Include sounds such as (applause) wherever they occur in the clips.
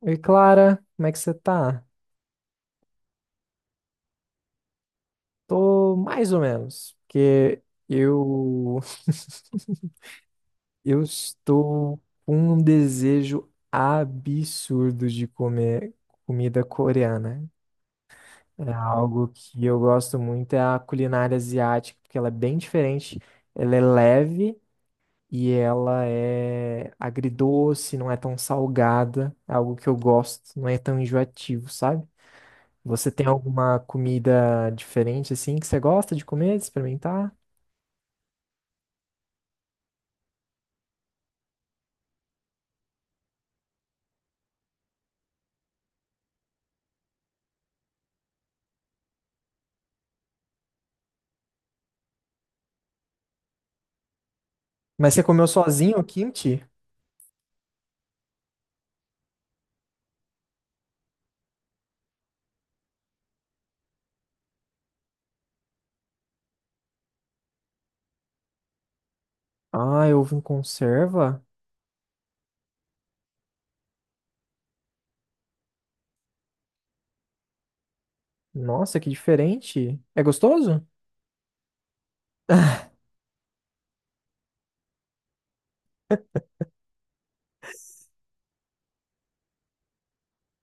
Oi, Clara, como é que você tá? Tô mais ou menos, porque eu (laughs) eu estou com um desejo absurdo de comer comida coreana. É algo que eu gosto muito, é a culinária asiática, porque ela é bem diferente, ela é leve e ela é agridoce, não é tão salgada, é algo que eu gosto, não é tão enjoativo, sabe? Você tem alguma comida diferente assim que você gosta de comer, de experimentar? Mas você comeu sozinho o kimchi? Ah, eu ovo em conserva? Nossa, que diferente. É gostoso?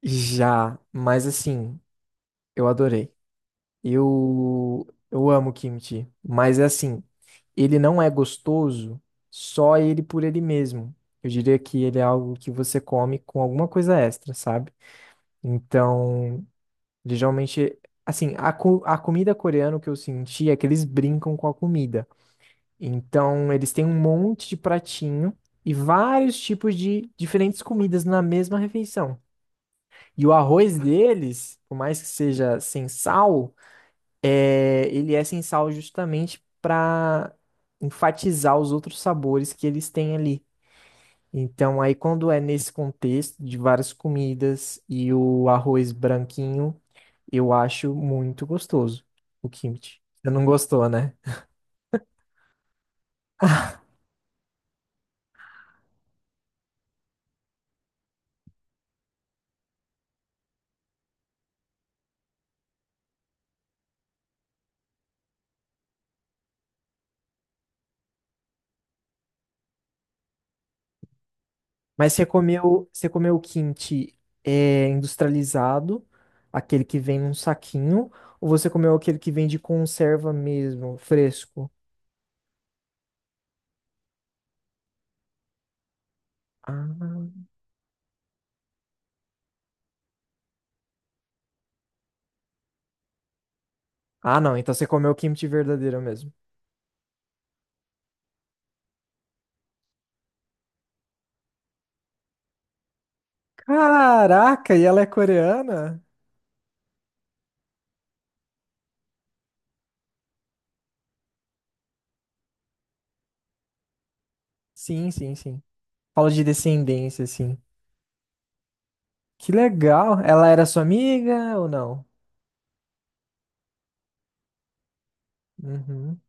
Já, mas assim, eu adorei. Eu amo kimchi, mas é assim, ele não é gostoso só ele por ele mesmo. Eu diria que ele é algo que você come com alguma coisa extra, sabe? Então, ele geralmente, assim, a comida coreana, o que eu senti é que eles brincam com a comida. Então, eles têm um monte de pratinho e vários tipos de diferentes comidas na mesma refeição. E o arroz deles, por mais que seja sem sal, ele é sem sal justamente para enfatizar os outros sabores que eles têm ali. Então, aí quando é nesse contexto de várias comidas e o arroz branquinho, eu acho muito gostoso o kimchi. Você não gostou, né? Mas você comeu o kimchi industrializado, aquele que vem num saquinho, ou você comeu aquele que vem de conserva mesmo, fresco? Ah, ah, não, então você comeu o kimchi verdadeiro mesmo. Caraca, e ela é coreana? Sim, sim, sim. Fala de descendência, assim. Que legal. Ela era sua amiga ou não? Uhum,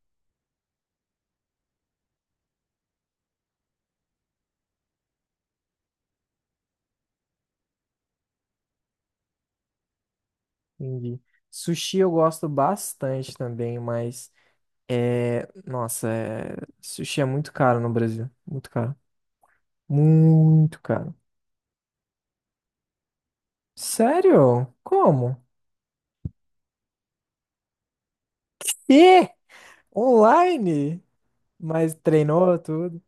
entendi. Sushi eu gosto bastante também, mas nossa, sushi é muito caro no Brasil, muito caro. Muito caro. Sério? Como? E online? Mas treinou tudo.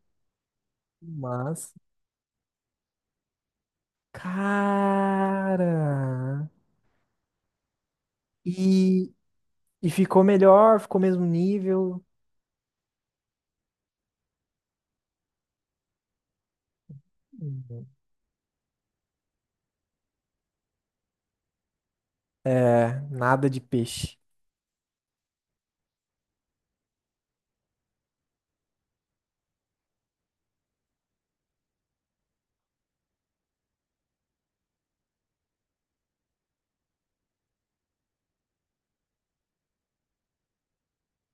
Mas, cara. E E ficou melhor, ficou mesmo nível. É nada de peixe.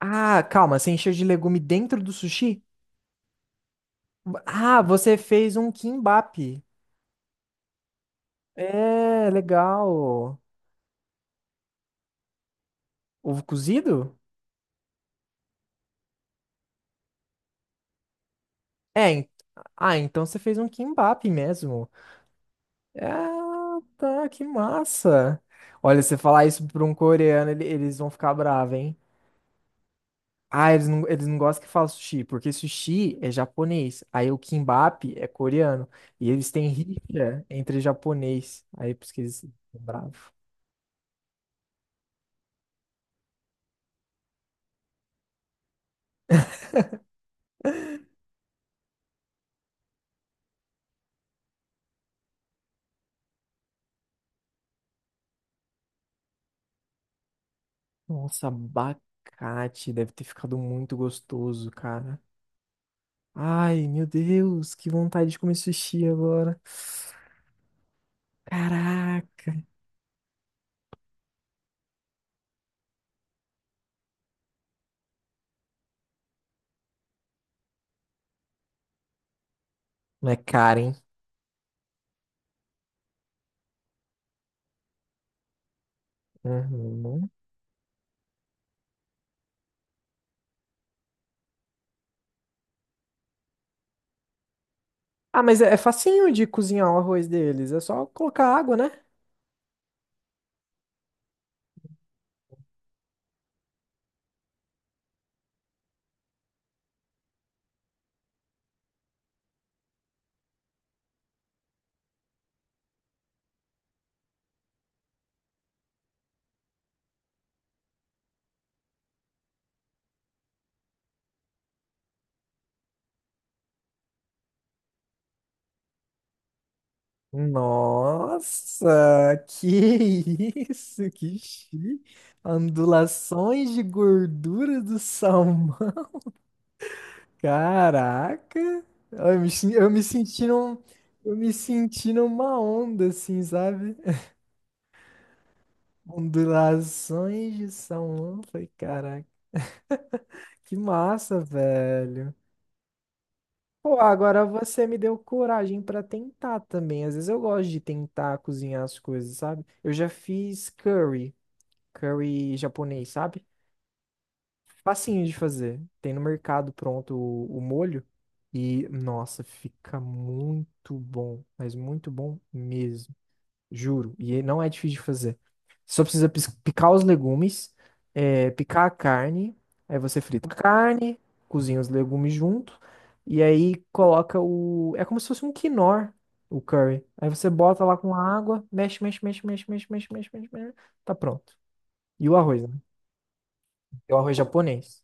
Ah, calma, você encheu de legume dentro do sushi? Ah, você fez um kimbap. É, legal. Ovo cozido? É, en- ah, então você fez um kimbap mesmo. Ah, tá, que massa. Olha, você falar isso pra um coreano, ele- eles vão ficar bravos, hein? Ah, eles não gostam que fala sushi, porque sushi é japonês. Aí o kimbap é coreano. E eles têm rixa entre japonês. Aí por isso que eles ficam bravos. Nossa, abacate. Deve ter ficado muito gostoso, cara. Ai, meu Deus, que vontade de comer sushi agora. Caraca. Não é caro, hein? Uhum. Ah, mas é facinho de cozinhar o arroz deles. É só colocar água, né? Nossa, que (laughs) isso, que chique. Ondulações de gordura do salmão. Caraca. Eu me senti num, eu me senti numa onda, assim, sabe? Ondulações de salmão. Falei, caraca, que massa, velho. Pô, agora você me deu coragem pra tentar também. Às vezes eu gosto de tentar cozinhar as coisas, sabe? Eu já fiz curry. Curry japonês, sabe? Facinho de fazer. Tem no mercado pronto o molho. E, nossa, fica muito bom. Mas muito bom mesmo. Juro. E ele não é difícil de fazer. Picar os legumes, picar a carne. Aí você frita a carne, cozinha os legumes junto. E aí coloca o. É como se fosse um quinor, o curry. Aí você bota lá com água, mexe, mexe, mexe, mexe, mexe, mexe, mexe, mexe, mexe. Tá pronto. E o arroz, né? É o arroz japonês.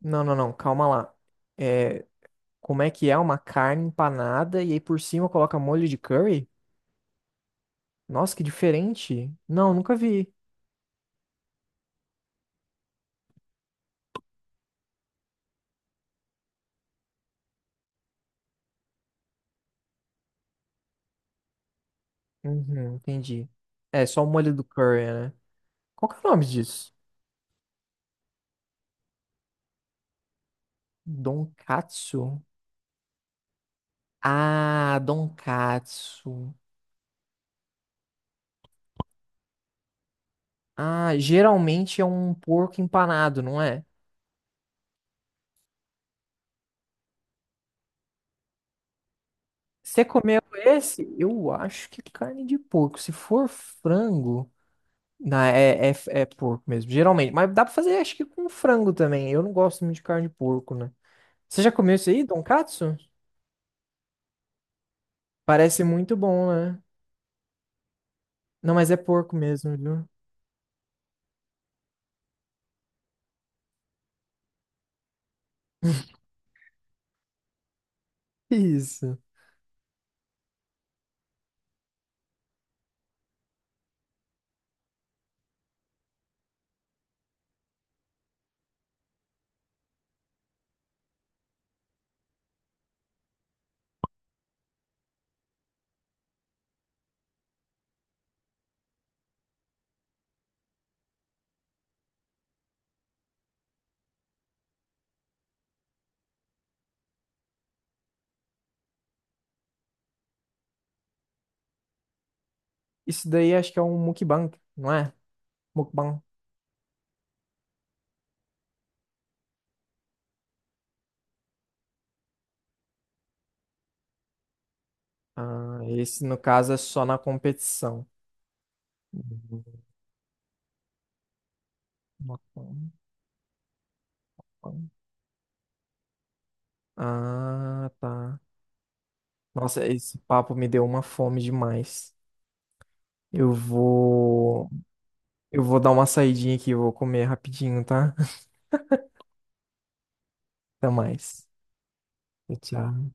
Não, não, não, calma lá. É, como é que é uma carne empanada e aí por cima coloca molho de curry? Nossa, que diferente. Não, nunca vi. Uhum, entendi. É, só o molho do curry, né? Qual que é o nome disso? Donkatsu? Ah, donkatsu. Ah, geralmente é um porco empanado, não é? Você comeu esse? Eu acho que é carne de porco. Se for frango. Não, é, é, é porco mesmo, geralmente. Mas dá pra fazer, acho que com frango também. Eu não gosto muito de carne de porco, né? Você já comeu isso aí, Donkatsu? Parece muito bom, né? Não, mas é porco mesmo, viu? Isso. Isso daí acho que é um mukbang, não é? Mukbang. Ah, esse no caso é só na competição. Mukbang. Ah, tá. Nossa, esse papo me deu uma fome demais. Eu vou, eu vou dar uma saidinha aqui, eu vou comer rapidinho, tá? (laughs) Até mais. Tchau, tchau.